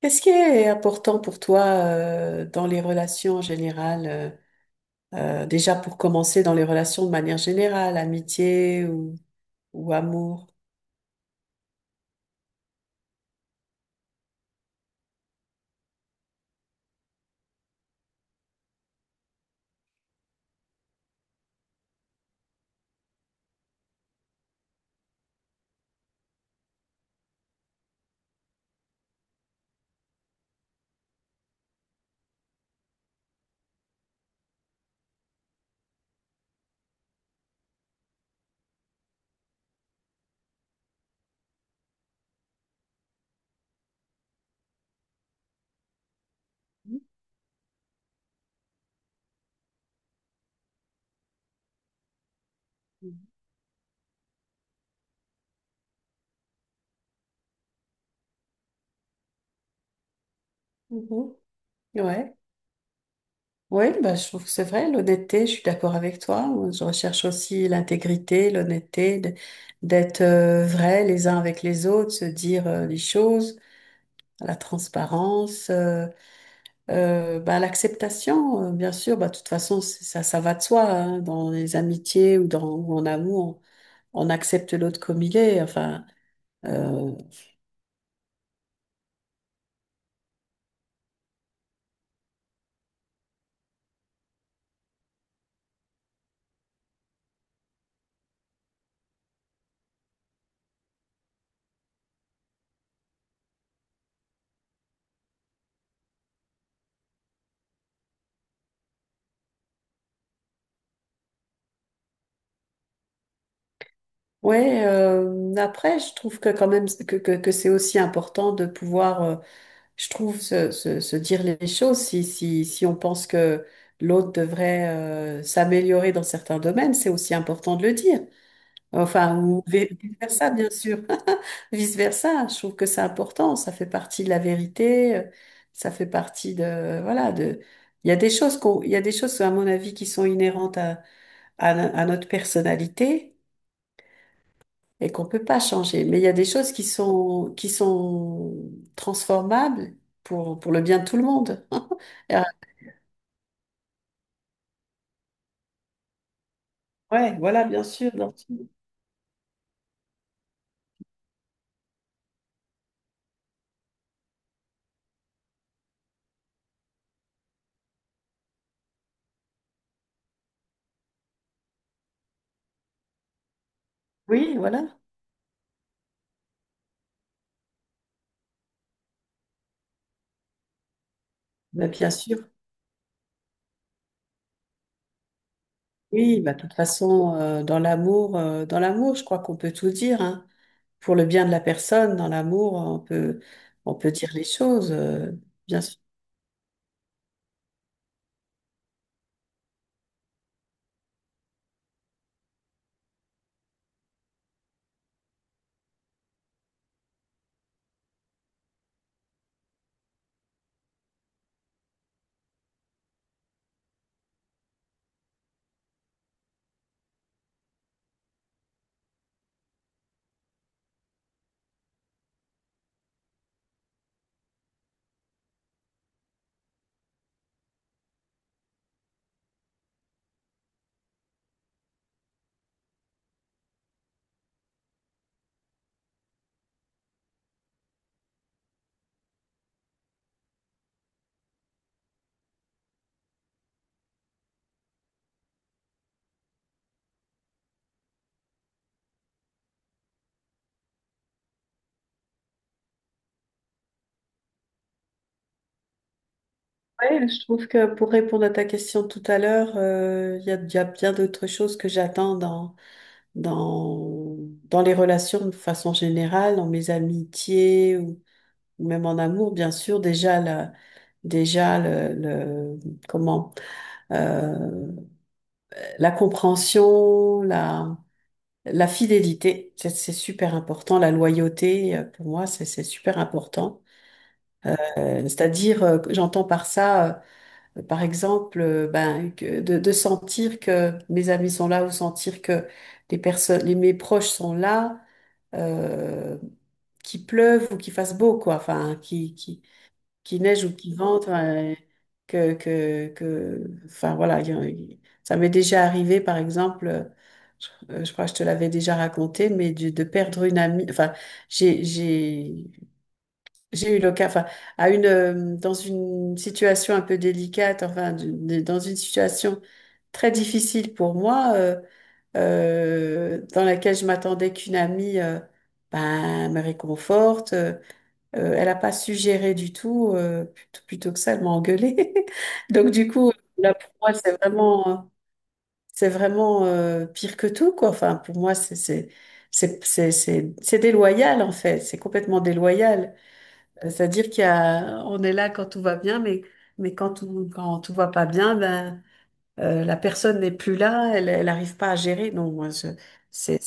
Qu'est-ce qui est important pour toi dans les relations en général déjà pour commencer dans les relations de manière générale, amitié ou amour? Mhm. Ouais, oui, bah, je trouve que c'est vrai, l'honnêteté, je suis d'accord avec toi. Je recherche aussi l'intégrité, l'honnêteté, d'être vrai les uns avec les autres, se dire les choses, la transparence. Bah, l'acceptation, bien sûr, bah, de toute façon, ça va de soi, hein, dans les amitiés ou dans ou en amour, on accepte l'autre comme il est. Enfin, euh, ouais. Après, je trouve que quand même que c'est aussi important de pouvoir, je trouve, se dire les choses. Si on pense que l'autre devrait s'améliorer dans certains domaines, c'est aussi important de le dire. Enfin, ou vice-versa, bien sûr. Vice-versa, je trouve que c'est important. Ça fait partie de la vérité. Ça fait partie de, voilà, de, il y a des choses, à mon avis, qui sont inhérentes à, à notre personnalité et qu'on peut pas changer. Mais il y a des choses qui sont transformables pour le bien de tout le monde. Et, euh, Ouais, voilà, bien sûr. Bien sûr. Oui, voilà. Mais bien sûr. Oui, bah, de toute façon, dans l'amour, je crois qu'on peut tout dire, hein. Pour le bien de la personne, dans l'amour, on peut dire les choses, bien sûr. Ouais, je trouve que pour répondre à ta question tout à l'heure, il y a bien d'autres choses que j'attends dans, dans les relations de façon générale, dans mes amitiés ou même en amour, bien sûr. Déjà, la, déjà le- comment, euh, la compréhension, la fidélité, c'est super important. La loyauté, pour moi, c'est super important. Euh, C'est-à-dire, que j'entends par ça, par exemple, ben, de sentir que mes amis sont là ou sentir que mes proches sont là, euh, qu'il pleuve ou qu'il fasse beau, quoi. Enfin, qu'il neige ou qu'il vente, enfin voilà, il y a- il- ça m'est déjà arrivé, par exemple, je crois que je te l'avais déjà raconté, mais de perdre une amie, enfin, j'ai, j'ai, j'ai eu l'occasion, enfin, dans une situation un peu délicate, enfin, dans une situation très difficile pour moi, dans laquelle je m'attendais qu'une amie ben, me réconforte. Elle n'a pas suggéré du tout, plutôt, que ça, elle m'a engueulée. Donc du coup, là pour moi, c'est vraiment pire que tout, quoi. Enfin, pour moi, c'est déloyal en fait. C'est complètement déloyal. C'est-à-dire qu'il y a, on est là quand tout va bien, mais quand tout va pas bien, ben la personne n'est plus là, elle n'arrive pas à gérer. Non, moi, je- c'est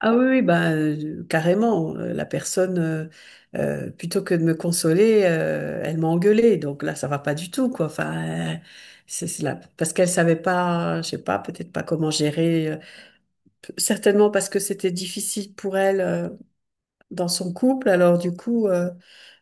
Ah oui, oui, bah, carrément. La personne, plutôt que de me consoler, elle m'a engueulée. Donc là, ça va pas du tout, quoi. Enfin, c'est là parce qu'elle savait pas, je sais pas, peut-être pas comment gérer. Certainement parce que c'était difficile pour elle dans son couple. Alors du coup. euh,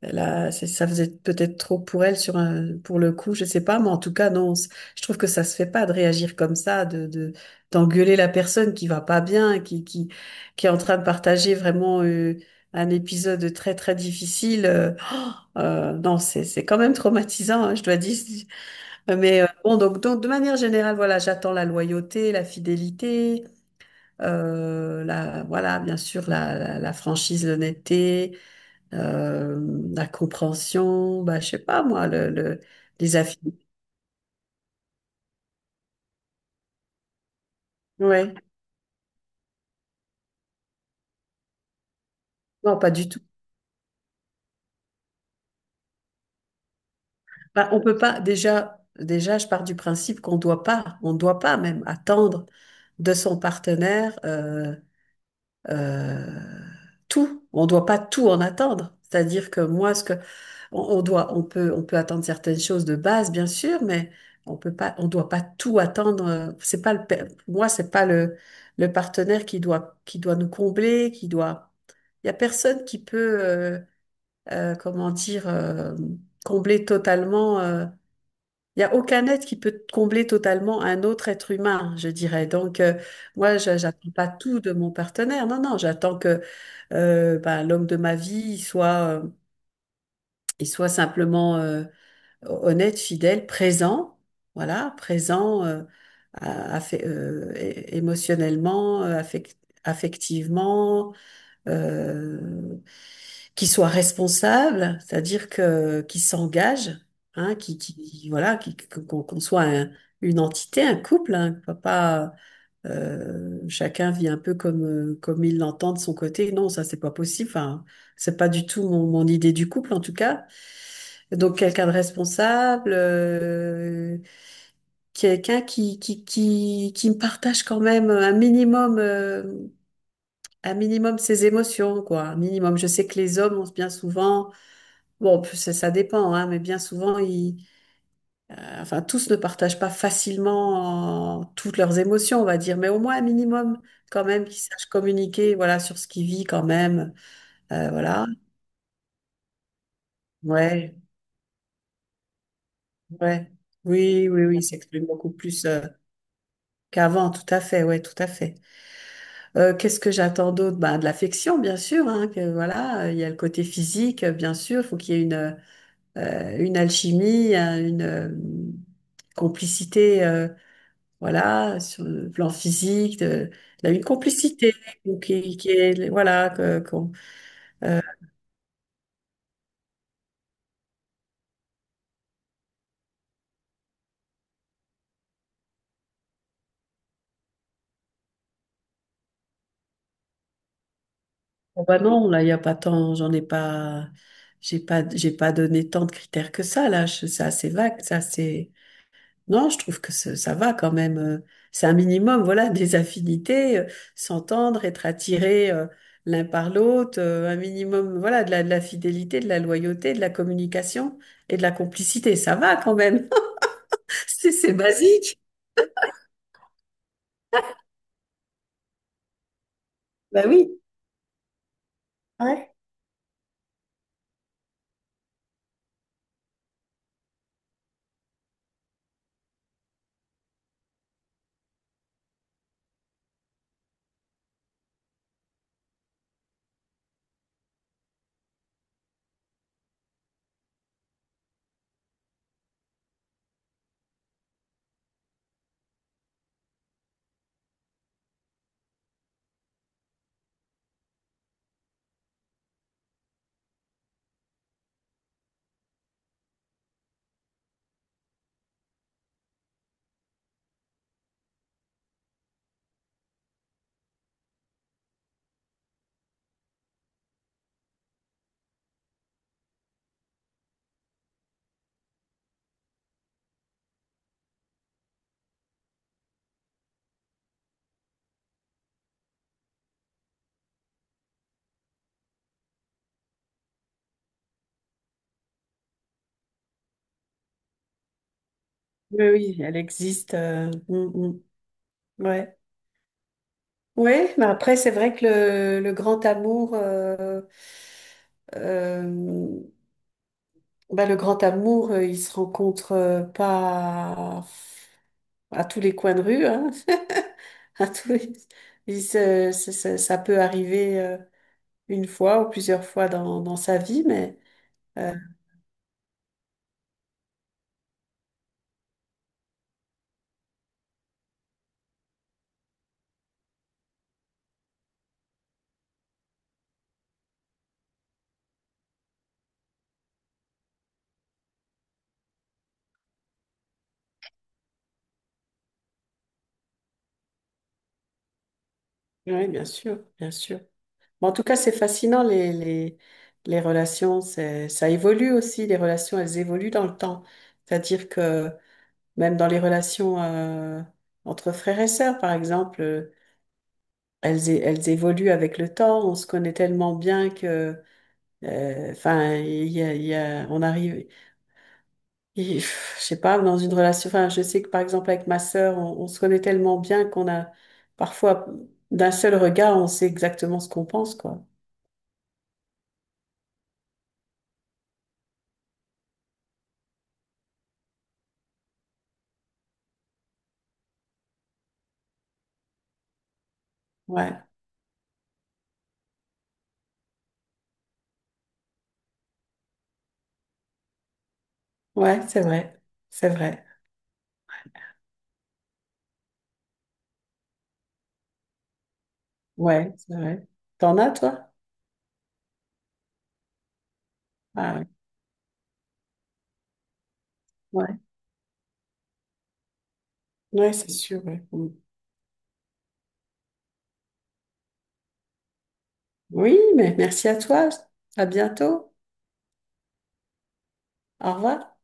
elle a- c'est- Ça faisait peut-être trop pour elle sur un, pour le coup, je sais pas, mais en tout cas, non, c- je trouve que ça se fait pas de réagir comme ça, d'engueuler la personne qui va pas bien, qui est en train de partager vraiment un épisode très, très difficile. Oh, non, c'est quand même traumatisant, hein, je dois dire. Mais bon, donc, de manière générale, voilà, j'attends la loyauté, la fidélité, voilà, bien sûr, la franchise, l'honnêteté, euh, la compréhension, bah, je sais pas moi, les affinités. Ouais, non, pas du tout. Bah, on peut pas, déjà, je pars du principe qu'on doit pas, on doit pas même attendre de son partenaire euh, tout. On doit pas tout en attendre. C'est-à-dire que moi, ce que on, on peut attendre certaines choses de base, bien sûr, mais on peut pas, on doit pas tout attendre. C'est pas pour moi, c'est pas le, le partenaire qui doit, nous combler, qui doit. Il y a personne qui peut, comment dire, combler totalement. Il y a aucun être qui peut combler totalement un autre être humain, je dirais. Donc, j'attends pas tout de mon partenaire. Non, non, j'attends que ben, l'homme de ma vie il soit simplement honnête, fidèle, présent. Voilà, présent émotionnellement, affectivement, euh, qui soient responsables, c'est-à-dire que qui s'engagent, hein, qui voilà, qui, qu'on une entité, un couple, hein, pas pas, chacun vit un peu comme comme il l'entend de son côté. Non, ça c'est pas possible. Enfin, c'est pas du tout mon idée du couple en tout cas. Donc quelqu'un de responsable, quelqu'un qui me partage quand même un minimum. Un minimum ses émotions, quoi. Un minimum. Je sais que les hommes ont bien souvent, bon, ça dépend, hein, mais bien souvent, enfin, tous ne partagent pas facilement toutes leurs émotions, on va dire, mais au moins un minimum, quand même, qu'ils sachent communiquer, voilà, sur ce qu'ils vivent quand même. Voilà. Ouais, ouais. Oui, oui, oui, ils s'expriment beaucoup plus qu'avant, tout à fait, ouais, tout à fait. Qu'est-ce que j'attends d'autre? Ben, de l'affection, bien sûr, hein, que voilà, il y a le côté physique, bien sûr, il faut qu'il y ait une alchimie, un- une complicité, voilà, sur le plan physique, une complicité qui est, voilà, bon, bah non, là, il n'y a pas tant, j'en ai pas, j'ai pas, j'ai pas donné tant de critères que ça, c'est assez vague, ça, non, je trouve que ça va quand même. C'est un minimum, voilà, des affinités, s'entendre, être attiré l'un par l'autre, un minimum, voilà, de la fidélité, de la loyauté, de la communication et de la complicité. Ça va quand même. C'est basique. Bah oui. Ouais. Oui, oui, elle existe. Mm, mm, ouais. Ouais, mais après, c'est vrai que le grand amour, euh, le grand amour, il se rencontre pas à tous les coins de rue, hein. À tous les- il se- se- se- Ça peut arriver une fois ou plusieurs fois dans sa vie, mais euh, oui, bien sûr, bien sûr. Bon, en tout cas, c'est fascinant, les relations, ça évolue aussi, les relations, elles évoluent dans le temps. C'est-à-dire que même dans les relations entre frères et sœurs, par exemple, elles évoluent avec le temps, on se connaît tellement bien que... Enfin, on arrive. Et, pff, je sais pas, dans une relation, enfin, je sais que par exemple avec ma sœur, on se connaît tellement bien qu'on a parfois d'un seul regard, on sait exactement ce qu'on pense, quoi. Ouais, ouais, c'est vrai, ouais, c'est vrai. T'en as, toi? Ah, ouais, ouais, ouais, c'est sûr. Ouais. Mm. Oui, mais merci à toi. À bientôt. Au revoir.